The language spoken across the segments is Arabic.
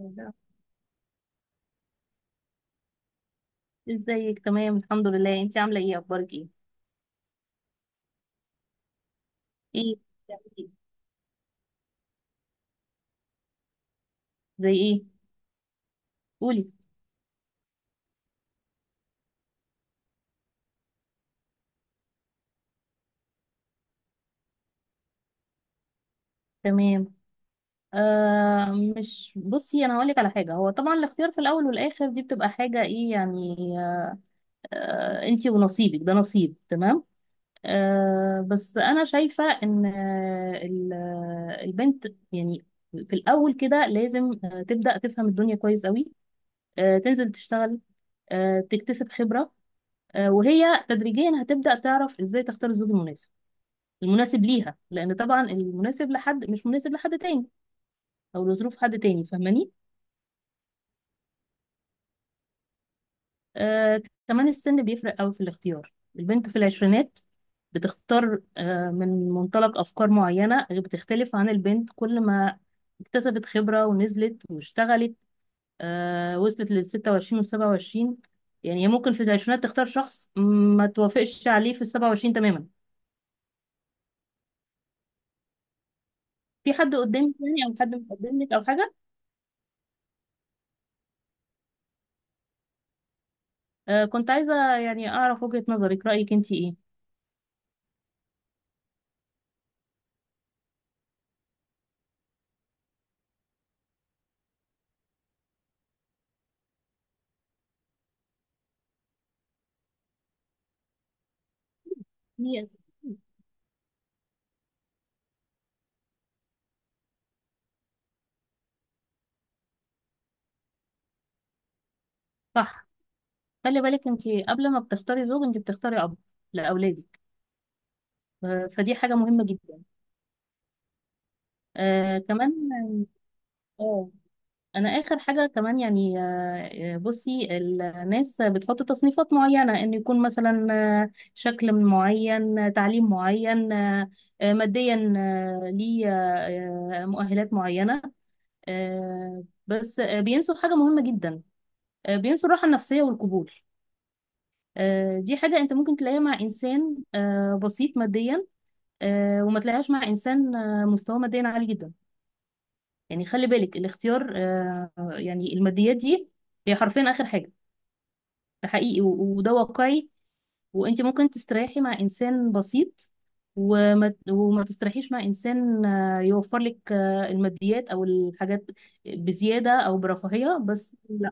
الله. ازيك؟ تمام الحمد لله، انت عامله ايه؟ اخبارك ايه ايه بتعملي إيه؟ زي ايه؟ قولي. تمام. آه مش بصي، انا هقول لك على حاجه. هو طبعا الاختيار في الاول والاخر دي بتبقى حاجه ايه يعني، انت ونصيبك، ده نصيب. تمام. بس انا شايفه ان البنت يعني في الاول كده لازم تبدا تفهم الدنيا كويس قوي، تنزل تشتغل، تكتسب خبره، وهي تدريجيا هتبدأ تعرف ازاي تختار الزوج المناسب، المناسب ليها، لان طبعا المناسب لحد مش مناسب لحد تاني او لظروف حد تاني. فاهماني؟ آه كمان السن بيفرق قوي في الاختيار. البنت في العشرينات بتختار من منطلق افكار معينه، بتختلف عن البنت كل ما اكتسبت خبره ونزلت واشتغلت وصلت لل 26 وال 27. يعني هي ممكن في العشرينات تختار شخص ما توافقش عليه في ال 27 تماما. في حد قدامك يعني، او حد مقدم لك او حاجه؟ كنت عايزه يعني اعرف وجهه نظرك، رايك انت ايه؟ هي صح. خلي بالك انت، قبل ما بتختاري زوج انت بتختاري اب لاولادك، فدي حاجه مهمه جدا. كمان. اه، انا اخر حاجه كمان يعني، بصي، الناس بتحط تصنيفات معينه، ان يكون مثلا شكل معين، تعليم معين، ماديا، آه، ليه آه، آه، مؤهلات معينه، بس بينسوا حاجه مهمه جدا، بينسوا الراحه النفسيه والقبول. دي حاجة انت ممكن تلاقيها مع انسان بسيط ماديا، وما تلاقيهاش مع انسان مستواه ماديا عالي جدا. يعني خلي بالك، الاختيار يعني الماديات دي هي حرفيا اخر حاجة. ده حقيقي وده واقعي. وانت ممكن تستريحي مع انسان بسيط، وما تستريحيش مع انسان يوفر لك الماديات او الحاجات بزيادة او برفاهية. بس لا.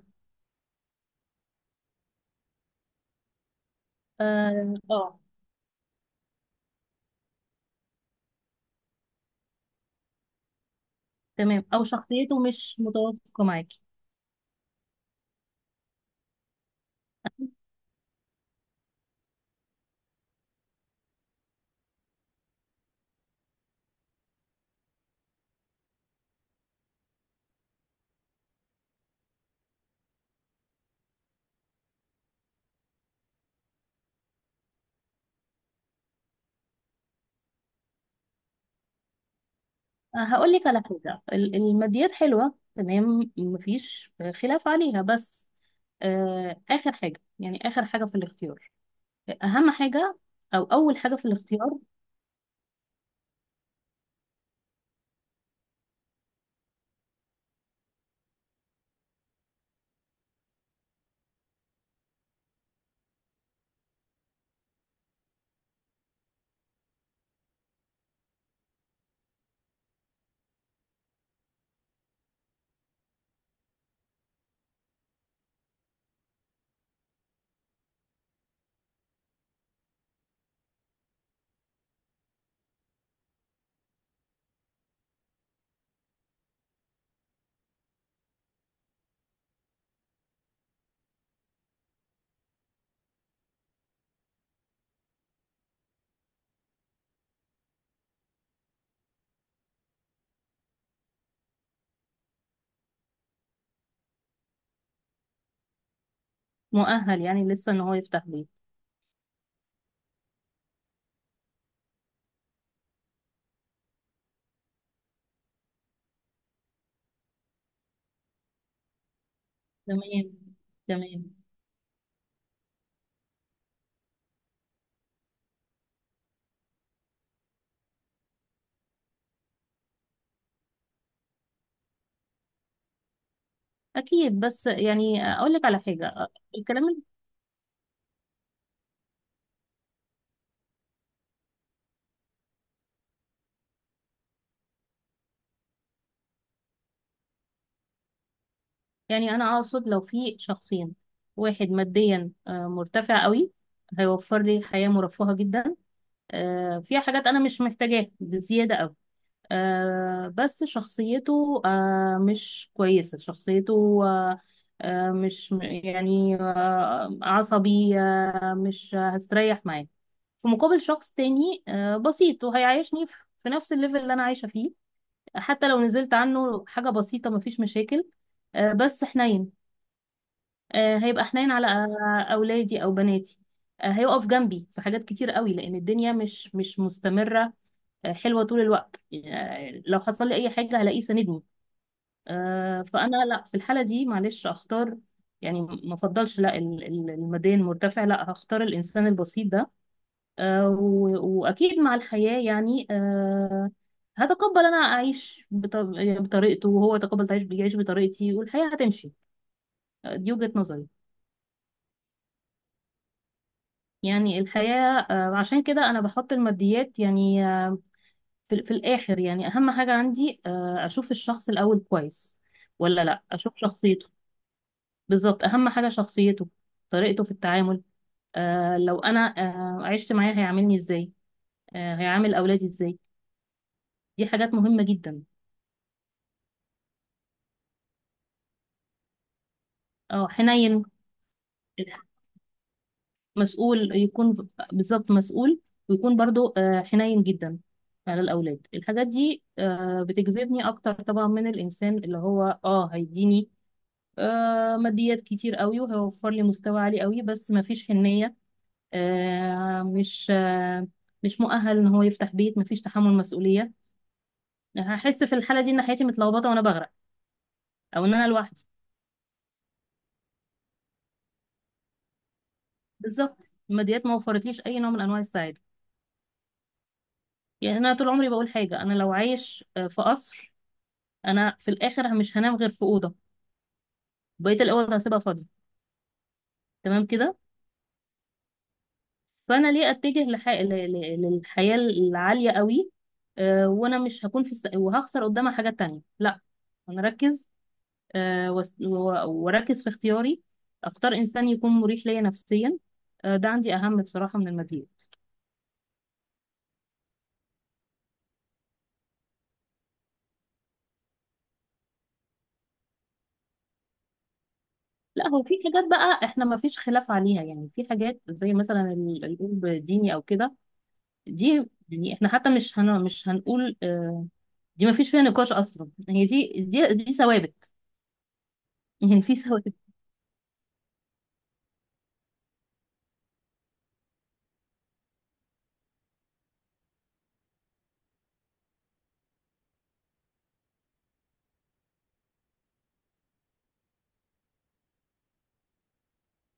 اه تمام. او شخصيته مش متوافقة معاكي. هقول لك على حاجة، الماديات حلوة تمام، مفيش خلاف عليها، بس آخر حاجة يعني، آخر حاجة في الاختيار. أهم حاجة أو أول حاجة في الاختيار. مؤهل يعني لسه إن هو يفتح بيت. تمام. تمام. أكيد، بس يعني أقول لك على حاجة، الكلام ال- يعني أنا أقصد، لو في شخصين، واحد ماديا مرتفع قوي، هيوفر لي حياة مرفهة جدا، فيها حاجات أنا مش محتاجاها بزيادة قوي، بس شخصيته مش كويسة. شخصيته آه آه مش م- يعني آه عصبي، مش هستريح معاه. في مقابل شخص تاني بسيط، وهيعيشني في نفس الليفل اللي أنا عايشة فيه، حتى لو نزلت عنه حاجة بسيطة مفيش مشاكل، بس حنين، هيبقى حنين على أولادي أو بناتي، هيقف جنبي في حاجات كتير قوي. لأن الدنيا مش مستمرة حلوه طول الوقت، يعني لو حصل لي اي حاجه هلاقيه ساندني. فانا لا في الحاله دي معلش اختار، يعني ما افضلش لا الماديا المرتفع، لا هختار الانسان البسيط ده، واكيد مع الحياه، يعني هتقبل انا اعيش بطريقته، وهو يتقبل يعيش بطريقتي، والحياه هتمشي. دي وجهه نظري. يعني الحياه عشان كده انا بحط الماديات يعني في الآخر. يعني أهم حاجة عندي أشوف الشخص الأول كويس ولا لأ، أشوف شخصيته. بالظبط أهم حاجة شخصيته، طريقته في التعامل. لو أنا عشت معاه هيعاملني إزاي، هيعامل أولادي إزاي. دي حاجات مهمة جدا. اه حنين. مسؤول يكون. بالظبط، مسؤول، ويكون برضو حنين جدا على الأولاد. الحاجات دي بتجذبني أكتر طبعا من الإنسان اللي هو اه هيديني ماديات كتير قوي، وهيوفر لي مستوى عالي قوي، بس ما فيش حنية، آه، مش آه، مش مؤهل ان هو يفتح بيت، ما فيش تحمل مسؤولية. هحس في الحالة دي ان حياتي متلخبطة وانا بغرق، او ان انا لوحدي. بالظبط، الماديات ما وفرتليش اي نوع من انواع السعادة. يعني انا طول عمري بقول حاجة، انا لو عايش في قصر، انا في الاخر مش هنام غير في أوضة، بقية الأوض هسيبها فاضية، تمام كده. فانا ليه اتجه للحياة العالية قوي، وانا مش هكون في وهخسر قدامها حاجات تانية؟ لا، هنركز، واركز في اختياري، اختار انسان يكون مريح ليا نفسيا. ده عندي اهم بصراحة من الماديات. لا هو في حاجات بقى احنا ما فيش خلاف عليها، يعني في حاجات زي مثلا القلب ديني او كده، دي يعني احنا حتى مش هن مش هنقول دي ما فيش فيها نقاش اصلا، هي دي ثوابت. يعني في ثوابت.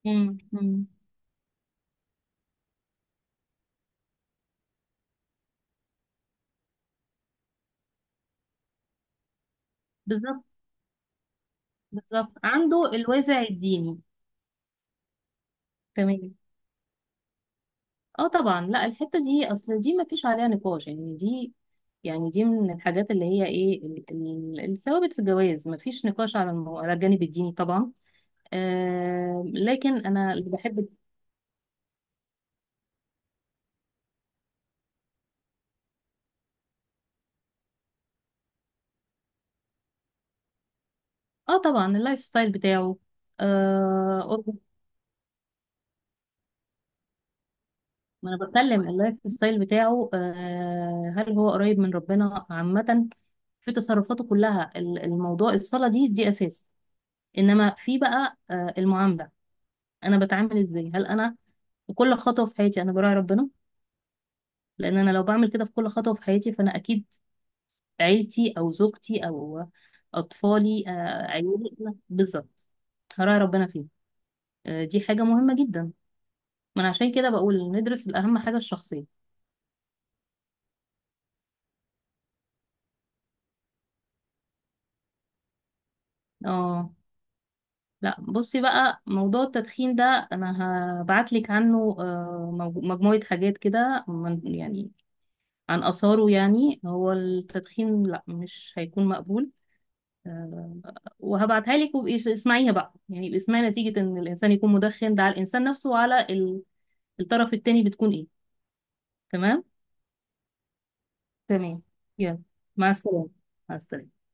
مم، مم. بالظبط. بالظبط عنده الوازع الديني. تمام. اه طبعا، لا الحته دي اصل دي ما فيش عليها نقاش، يعني دي، يعني دي من الحاجات اللي هي ايه، الثوابت في الجواز. ما فيش نقاش على على الجانب الديني طبعا. آه لكن انا اللي بحب، اه طبعا اللايف ستايل بتاعه، آه قرب- ما انا بتكلم اللايف ستايل بتاعه، هل هو قريب من ربنا عامه في تصرفاته كلها. الموضوع الصلاه دي دي اساس. انما في بقى المعامله، انا بتعامل ازاي، هل انا وكل خطوة في حياتي أنا براعي ربنا؟ لأن أنا لو بعمل كده في كل خطوة في حياتي، فأنا أكيد عيلتي أو زوجتي أو أطفالي عيالي، بالظبط هراعي ربنا فيه. دي حاجة مهمة جدا، من عشان كده بقول ندرس الأهم حاجة الشخصية. اه لا بصي بقى، موضوع التدخين ده أنا هبعتلك عنه مجموعة حاجات كده عن آثاره. يعني هو التدخين لا مش هيكون مقبول، آه، وهبعتها لك وابقي اسمعيها بقى، يعني ابقي اسمعي نتيجة ان الانسان يكون مدخن ده على الانسان نفسه وعلى الطرف التاني بتكون ايه. تمام. تمام. يلا مع السلامة. مع السلامة.